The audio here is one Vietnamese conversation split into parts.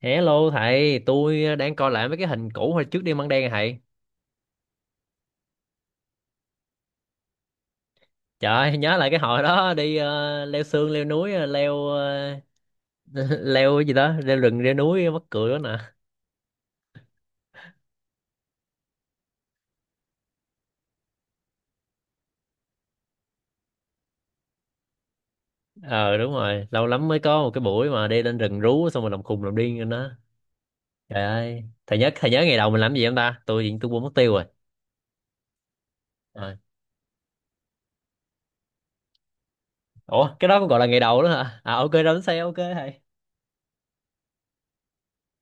Hello thầy, tôi đang coi lại mấy cái hình cũ hồi trước đi Măng Đen à thầy. Trời ơi, nhớ lại cái hồi đó đi leo sương, leo núi, leo cái gì đó, leo rừng, leo núi mắc cười đó nè. Ờ, đúng rồi, lâu lắm mới có một cái buổi mà đi lên rừng rú xong rồi làm khùng làm điên lên đó. Trời ơi, thầy nhớ ngày đầu mình làm gì không ta? Tôi quên mất tiêu rồi. Ờ. Ủa, cái đó cũng gọi là ngày đầu đó hả? À, ok đó, xe ok thầy.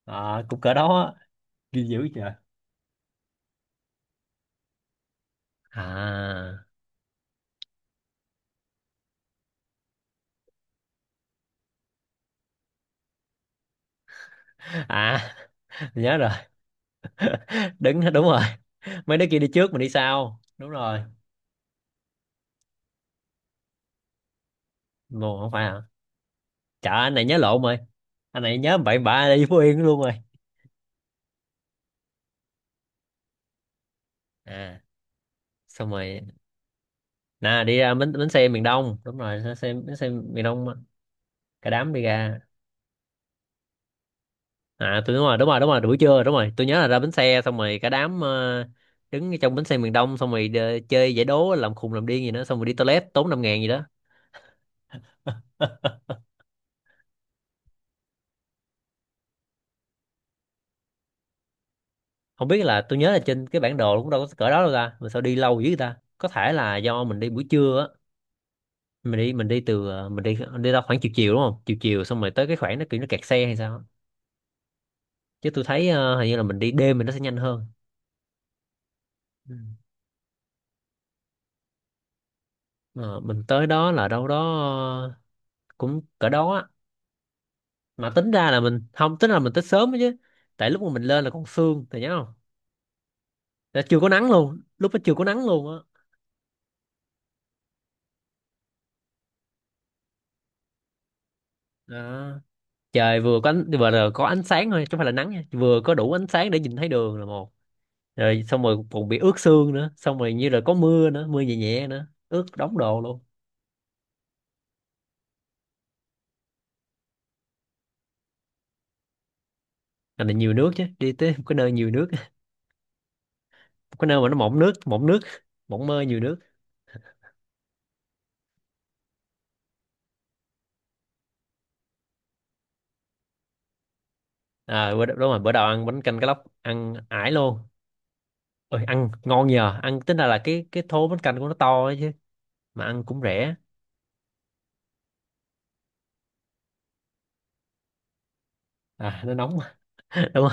À, cũng cỡ đó á, ghi dữ trời. À. À, nhớ rồi. Đứng, đúng rồi. Mấy đứa kia đi trước mình đi sau đúng rồi. Mù, không phải hả? Trời ơi, anh này nhớ lộn rồi, anh này nhớ bậy bạ đi Phú Yên luôn rồi. À, xong rồi nè, đi ra bến, bến xe miền Đông, đúng rồi, bến xe miền Đông á, cả đám đi ra. À tôi đúng rồi, đúng rồi, đúng rồi, buổi trưa đúng rồi, tôi nhớ là ra bến xe xong rồi cả đám đứng trong bến xe miền Đông xong rồi chơi giải đố làm khùng làm điên gì đó xong rồi đi toilet tốn 5.000 gì đó. Không biết, là tôi nhớ là trên cái bản đồ cũng đâu có cỡ đó đâu ta mà sao đi lâu dữ ta, có thể là do mình đi buổi trưa á. Mình đi từ ờ, mình đi đi ra khoảng chiều chiều đúng không, chiều chiều xong rồi tới cái khoảng nó kiểu nó kẹt xe hay sao á. Chứ tôi thấy hình như là mình đi đêm thì nó sẽ nhanh hơn. Ừ. Ờ, mình tới đó là đâu đó ờ, cũng cỡ đó á. Mà tính ra là mình không tính là mình tới sớm đó chứ, tại lúc mà mình lên là còn sương thì nhớ không, là chưa có nắng luôn, lúc đó chưa có nắng luôn á. Đó. Trời vừa có ánh, vừa là có ánh sáng thôi chứ không phải là nắng nha, vừa có đủ ánh sáng để nhìn thấy đường là một, rồi xong rồi còn bị ướt sương nữa, xong rồi như là có mưa nữa, mưa nhẹ nhẹ nữa, ướt đống đồ luôn. Là nhiều nước chứ, đi tới một cái nơi nhiều nước. Một cái nơi mà nó mỏng nước, mỏng mơ nhiều nước. À bữa, đúng rồi, bữa đầu ăn bánh canh cá lóc ăn ải luôn. Ôi ăn ngon nhờ, ăn tính ra là cái thố bánh canh của nó to ấy chứ, mà ăn cũng rẻ. À nó nóng. Đúng rồi,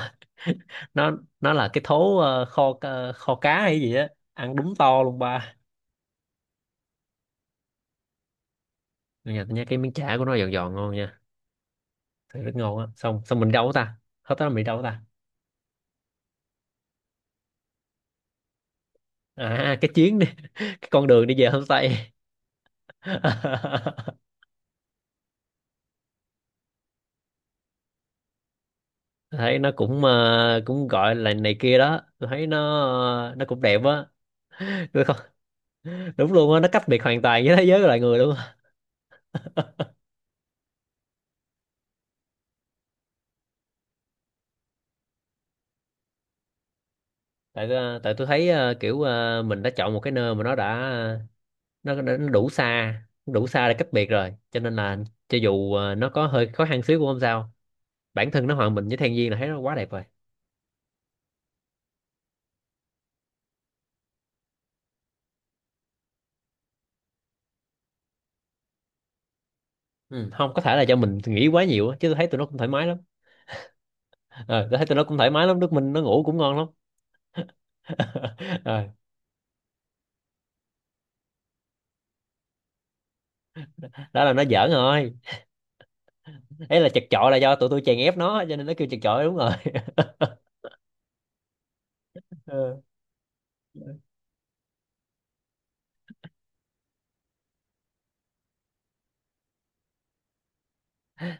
nó nó là cái thố kho cá hay gì á, ăn đúng to luôn ba. Mà nhà tôi nhớ cái miếng chả của nó giòn giòn ngon nha, thật rất ngon á. Xong, xong mình đâu ta, hết đó là mình đâu ta? À, cái chuyến đi cái con đường đi về homestay. Thấy nó cũng cũng gọi là này kia đó, tôi thấy nó nó cũng đẹp á. Tôi không- đúng luôn á, nó cách biệt hoàn toàn với thế giới của loài người luôn á. Tại tại tôi thấy kiểu mình đã chọn một cái nơi mà nó đã, nó đã đủ xa, đủ xa để cách biệt rồi, cho nên là cho dù nó có hơi khó khăn xíu cũng không sao. Bản thân nó hòa mình với thiên nhiên là thấy nó quá đẹp rồi. Ừ. Không, có thể là do mình nghĩ quá nhiều á, chứ tôi thấy tụi nó cũng thoải mái lắm. Ờ, tôi thấy tụi nó cũng thoải mái lắm, nước mình nó ngủ cũng ngon lắm. Ờ, đó là nó giỡn rồi. Đấy là chật chội là do tụi tôi chèn ép nó cho nên nó kêu chật chội đúng rồi. Ờ.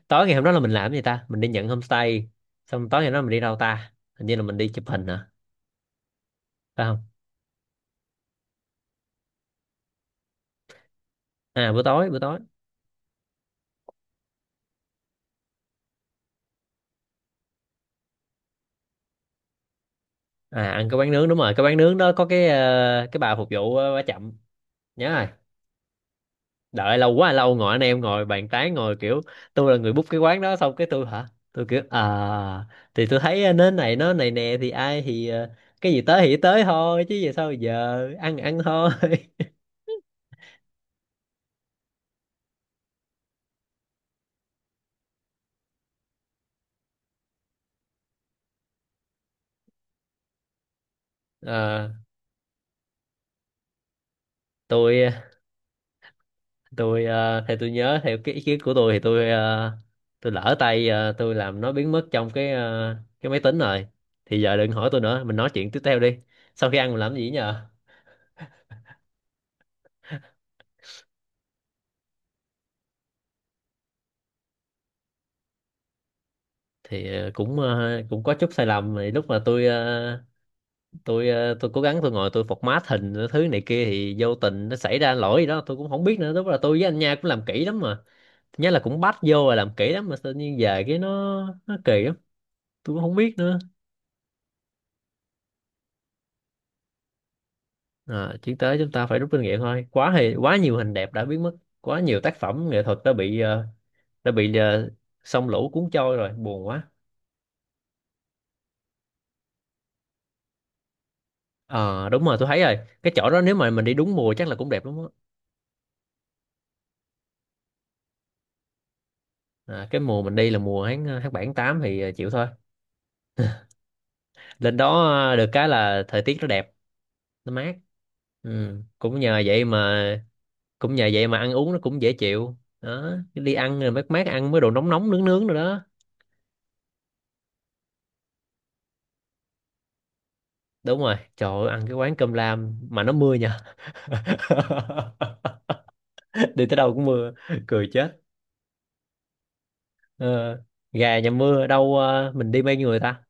Tối ngày hôm đó là mình làm gì ta, mình đi nhận homestay, xong tối ngày hôm đó mình đi đâu ta, hình như là mình đi chụp hình hả, phải không? À buổi tối, buổi tối. À, ăn cái quán nướng đúng rồi, cái quán nướng đó có cái cái bà phục vụ bà chậm. Nhớ rồi. Đợi lâu quá lâu, ngồi anh em ngồi bàn tán ngồi kiểu, tôi là người book cái quán đó xong cái tôi hả, tôi kiểu à thì tôi thấy nến này nó này nè thì ai thì cái gì tới thì tới thôi chứ giờ sao, giờ ăn ăn thôi. Ờ, tôi theo tôi nhớ, theo cái ý kiến của tôi thì tôi tôi lỡ tay, tôi làm nó biến mất trong cái cái máy tính rồi, thì giờ đừng hỏi tôi nữa, mình nói chuyện tiếp theo đi. Sau khi ăn mình làm cái gì nhờ? Thì cũng cũng có chút sai lầm, thì lúc mà tôi tôi cố gắng tôi ngồi tôi format hình cái thứ này kia thì vô tình nó xảy ra lỗi gì đó tôi cũng không biết nữa, lúc đó là tôi với anh Nha cũng làm kỹ lắm mà, nhớ là cũng bắt vô và làm kỹ lắm mà tự nhiên về cái nó kỳ lắm, tôi cũng không biết nữa. À, tiến tới chúng ta phải rút kinh nghiệm thôi, quá thì quá nhiều hình đẹp đã biến mất, quá nhiều tác phẩm nghệ thuật đã bị đã bị ờ, sông lũ cuốn trôi rồi, buồn quá. Ờ đúng rồi, tôi thấy rồi, cái chỗ đó nếu mà mình đi đúng mùa chắc là cũng đẹp lắm á. À, cái mùa mình đi là mùa tháng tháng 7 tháng 8 thì chịu thôi. Lên đó được cái là thời tiết nó đẹp, nó mát. Ừ. Cũng nhờ vậy mà, cũng nhờ vậy mà ăn uống nó cũng dễ chịu đó, cái đi ăn rồi mát mát, ăn mấy đồ nóng nóng nướng nướng rồi đó. Đúng rồi, trời ơi, ăn cái quán cơm lam mà nó mưa nhờ. Đi tới đâu cũng mưa, cười chết. Ờ, gà dầm mưa đâu, mình đi bao nhiêu người ta,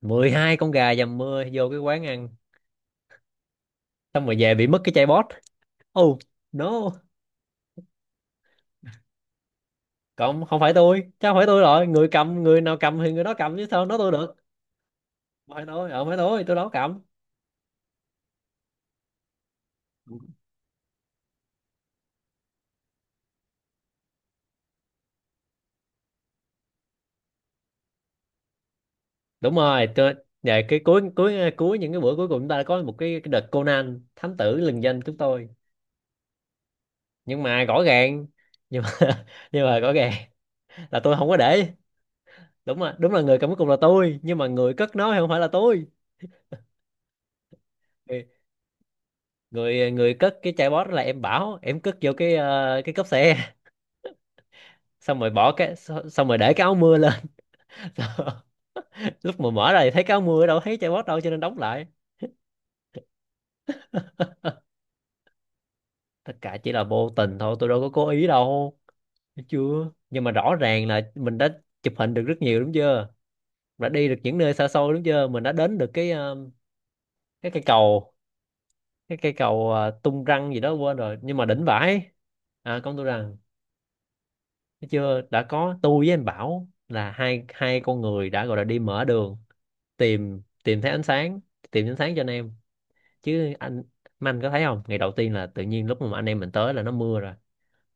12 con gà dầm mưa vô cái quán ăn, xong rồi về bị mất cái chai bót. Oh no. Cộng, không phải tôi, chứ không phải tôi rồi, người cầm người nào cầm thì người đó cầm chứ sao nói tôi được. Không phải tôi, không phải tôi đâu có cầm. Đúng rồi tôi về cái cuối cuối ờ, cuối những cái bữa cuối cùng chúng ta đã có một cái đợt Conan thám tử lừng danh chúng tôi. Nhưng mà rõ ràng, nhưng mà nhưng mà rõ ràng là tôi không có để. Đúng rồi, đúng là người cầm cuối cùng là tôi nhưng mà người cất nó thì không phải là tôi. Người người, người cất cái chai bót đó là em Bảo, em cất vô cái cái cốp xe. Xong rồi bỏ cái, xong xong rồi để cái áo mưa lên. Lúc mà mở ra thì thấy cái áo mưa, đâu thấy chai bót đâu, cho nên đóng lại. Tất cả chỉ là vô tình thôi, tôi đâu có cố ý đâu. Thấy chưa, nhưng mà rõ ràng là mình đã chụp hình được rất nhiều đúng chưa, đã đi được những nơi xa xôi đúng chưa, mình đã đến được cái cái cây cầu, cái cây cầu tung răng gì đó quên rồi nhưng mà đỉnh vãi. À công tôi rằng. Thấy chưa, đã có tôi với anh Bảo là hai hai con người đã gọi là đi mở đường, tìm tìm thấy ánh sáng, tìm ánh sáng cho anh em. Chứ anh, mà anh có thấy không, ngày đầu tiên là tự nhiên lúc mà anh em mình tới là nó mưa rồi,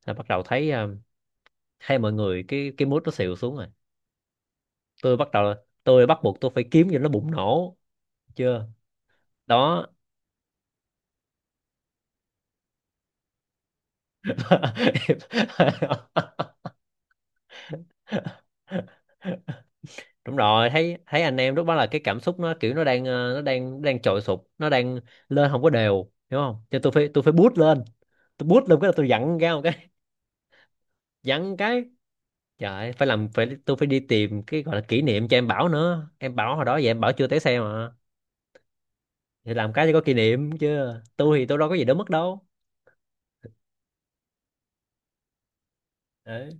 là bắt đầu thấy thấy mọi người cái mood nó xịu xuống rồi. Tôi bắt đầu, tôi bắt buộc tôi phải kiếm cho nó bùng nổ chưa. Đó. Đúng rồi, thấy thấy anh em lúc đó là cái cảm xúc nó kiểu nó đang nó đang, nó đang trội sụp nó đang lên không có đều hiểu không, cho tôi phải, tôi phải boost lên. Tôi boost lên cái là tôi giận ra một cái, giận cái trời ơi, phải làm, phải tôi phải đi tìm cái gọi là kỷ niệm cho em Bảo nữa, em Bảo hồi đó vậy, em Bảo chưa té xe mà, thì làm cái cho có kỷ niệm chứ, tôi thì tôi đâu có gì đâu mất đâu. Đấy,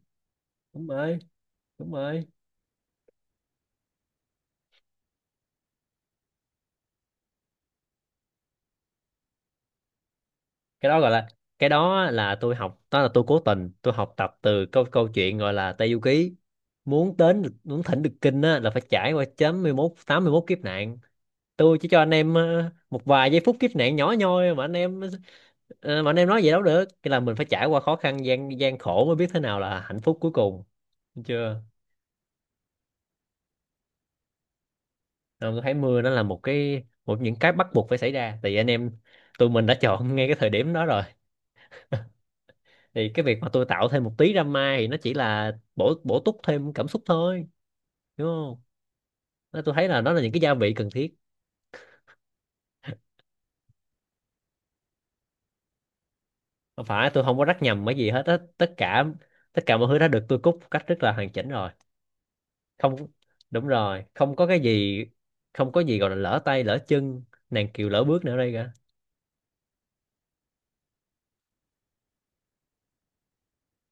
đúng rồi, đúng rồi, cái đó gọi là, cái đó là tôi học, đó là tôi cố tình tôi học tập từ câu câu chuyện gọi là Tây Du Ký, muốn đến muốn thỉnh được kinh á, là phải trải qua 91 81 kiếp nạn. Tôi chỉ cho anh em một vài giây phút kiếp nạn nhỏ nhoi mà anh em, mà anh em nói vậy đâu được, cái là mình phải trải qua khó khăn gian gian khổ mới biết thế nào là hạnh phúc cuối cùng. Thấy chưa. Nên tôi thấy mưa nó là một cái, một những cái bắt buộc phải xảy ra, tại vì anh em tụi mình đã chọn ngay cái thời điểm đó rồi, thì cái việc mà tôi tạo thêm một tí drama thì nó chỉ là bổ bổ túc thêm cảm xúc thôi, đúng không. Nên tôi thấy là nó là những cái gia vị cần thiết. Không phải tôi không có rắc nhầm cái gì hết á, tất cả, tất cả mọi thứ đã được tôi cúc một cách rất là hoàn chỉnh rồi. Không, đúng rồi, không có cái gì, không có gì gọi là lỡ tay lỡ chân, nàng kiều lỡ bước nữa đây cả.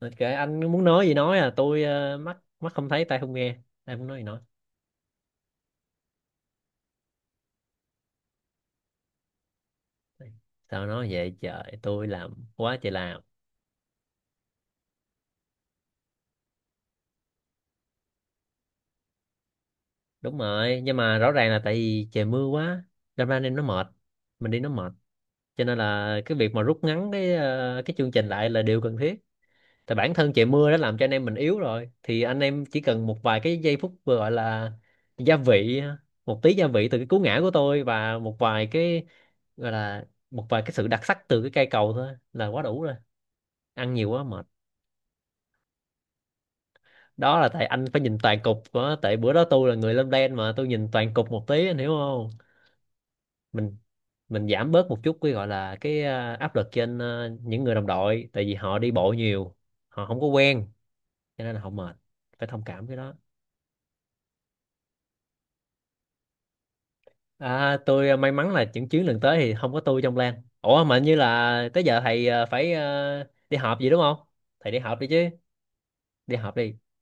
Nên kệ anh muốn nói gì nói, à tôi mắt mắt không thấy, tay không nghe, em muốn nói gì nói, sao nói vậy trời, tôi làm quá trời làm. Đúng rồi, nhưng mà rõ ràng là tại vì trời mưa quá, đâm ra anh em nó mệt, mình đi nó mệt, cho nên là cái việc mà rút ngắn cái cái chương trình lại là điều cần thiết. Tại bản thân trời mưa đã làm cho anh em mình yếu rồi, thì anh em chỉ cần một vài cái giây phút vừa gọi là gia vị, một tí gia vị từ cái cú ngã của tôi và một vài cái gọi là, một vài cái sự đặc sắc từ cái cây cầu thôi là quá đủ rồi. Ăn nhiều quá mệt. Đó là tại anh phải nhìn toàn cục của, tại bữa đó tôi là người lên đen mà, tôi nhìn toàn cục một tí anh hiểu không. Mình, mình giảm bớt một chút cái gọi là cái à, áp lực trên à, những người đồng đội, tại vì họ đi bộ nhiều, họ không có quen, cho nên là họ mệt, phải thông cảm cái đó. À, tôi à, may mắn là những chuyến lần tới thì không có tôi trong Lan, ủa mà hình như là tới giờ thầy à, phải à, đi họp gì đúng không. Thầy đi họp đi chứ, đi họp đi.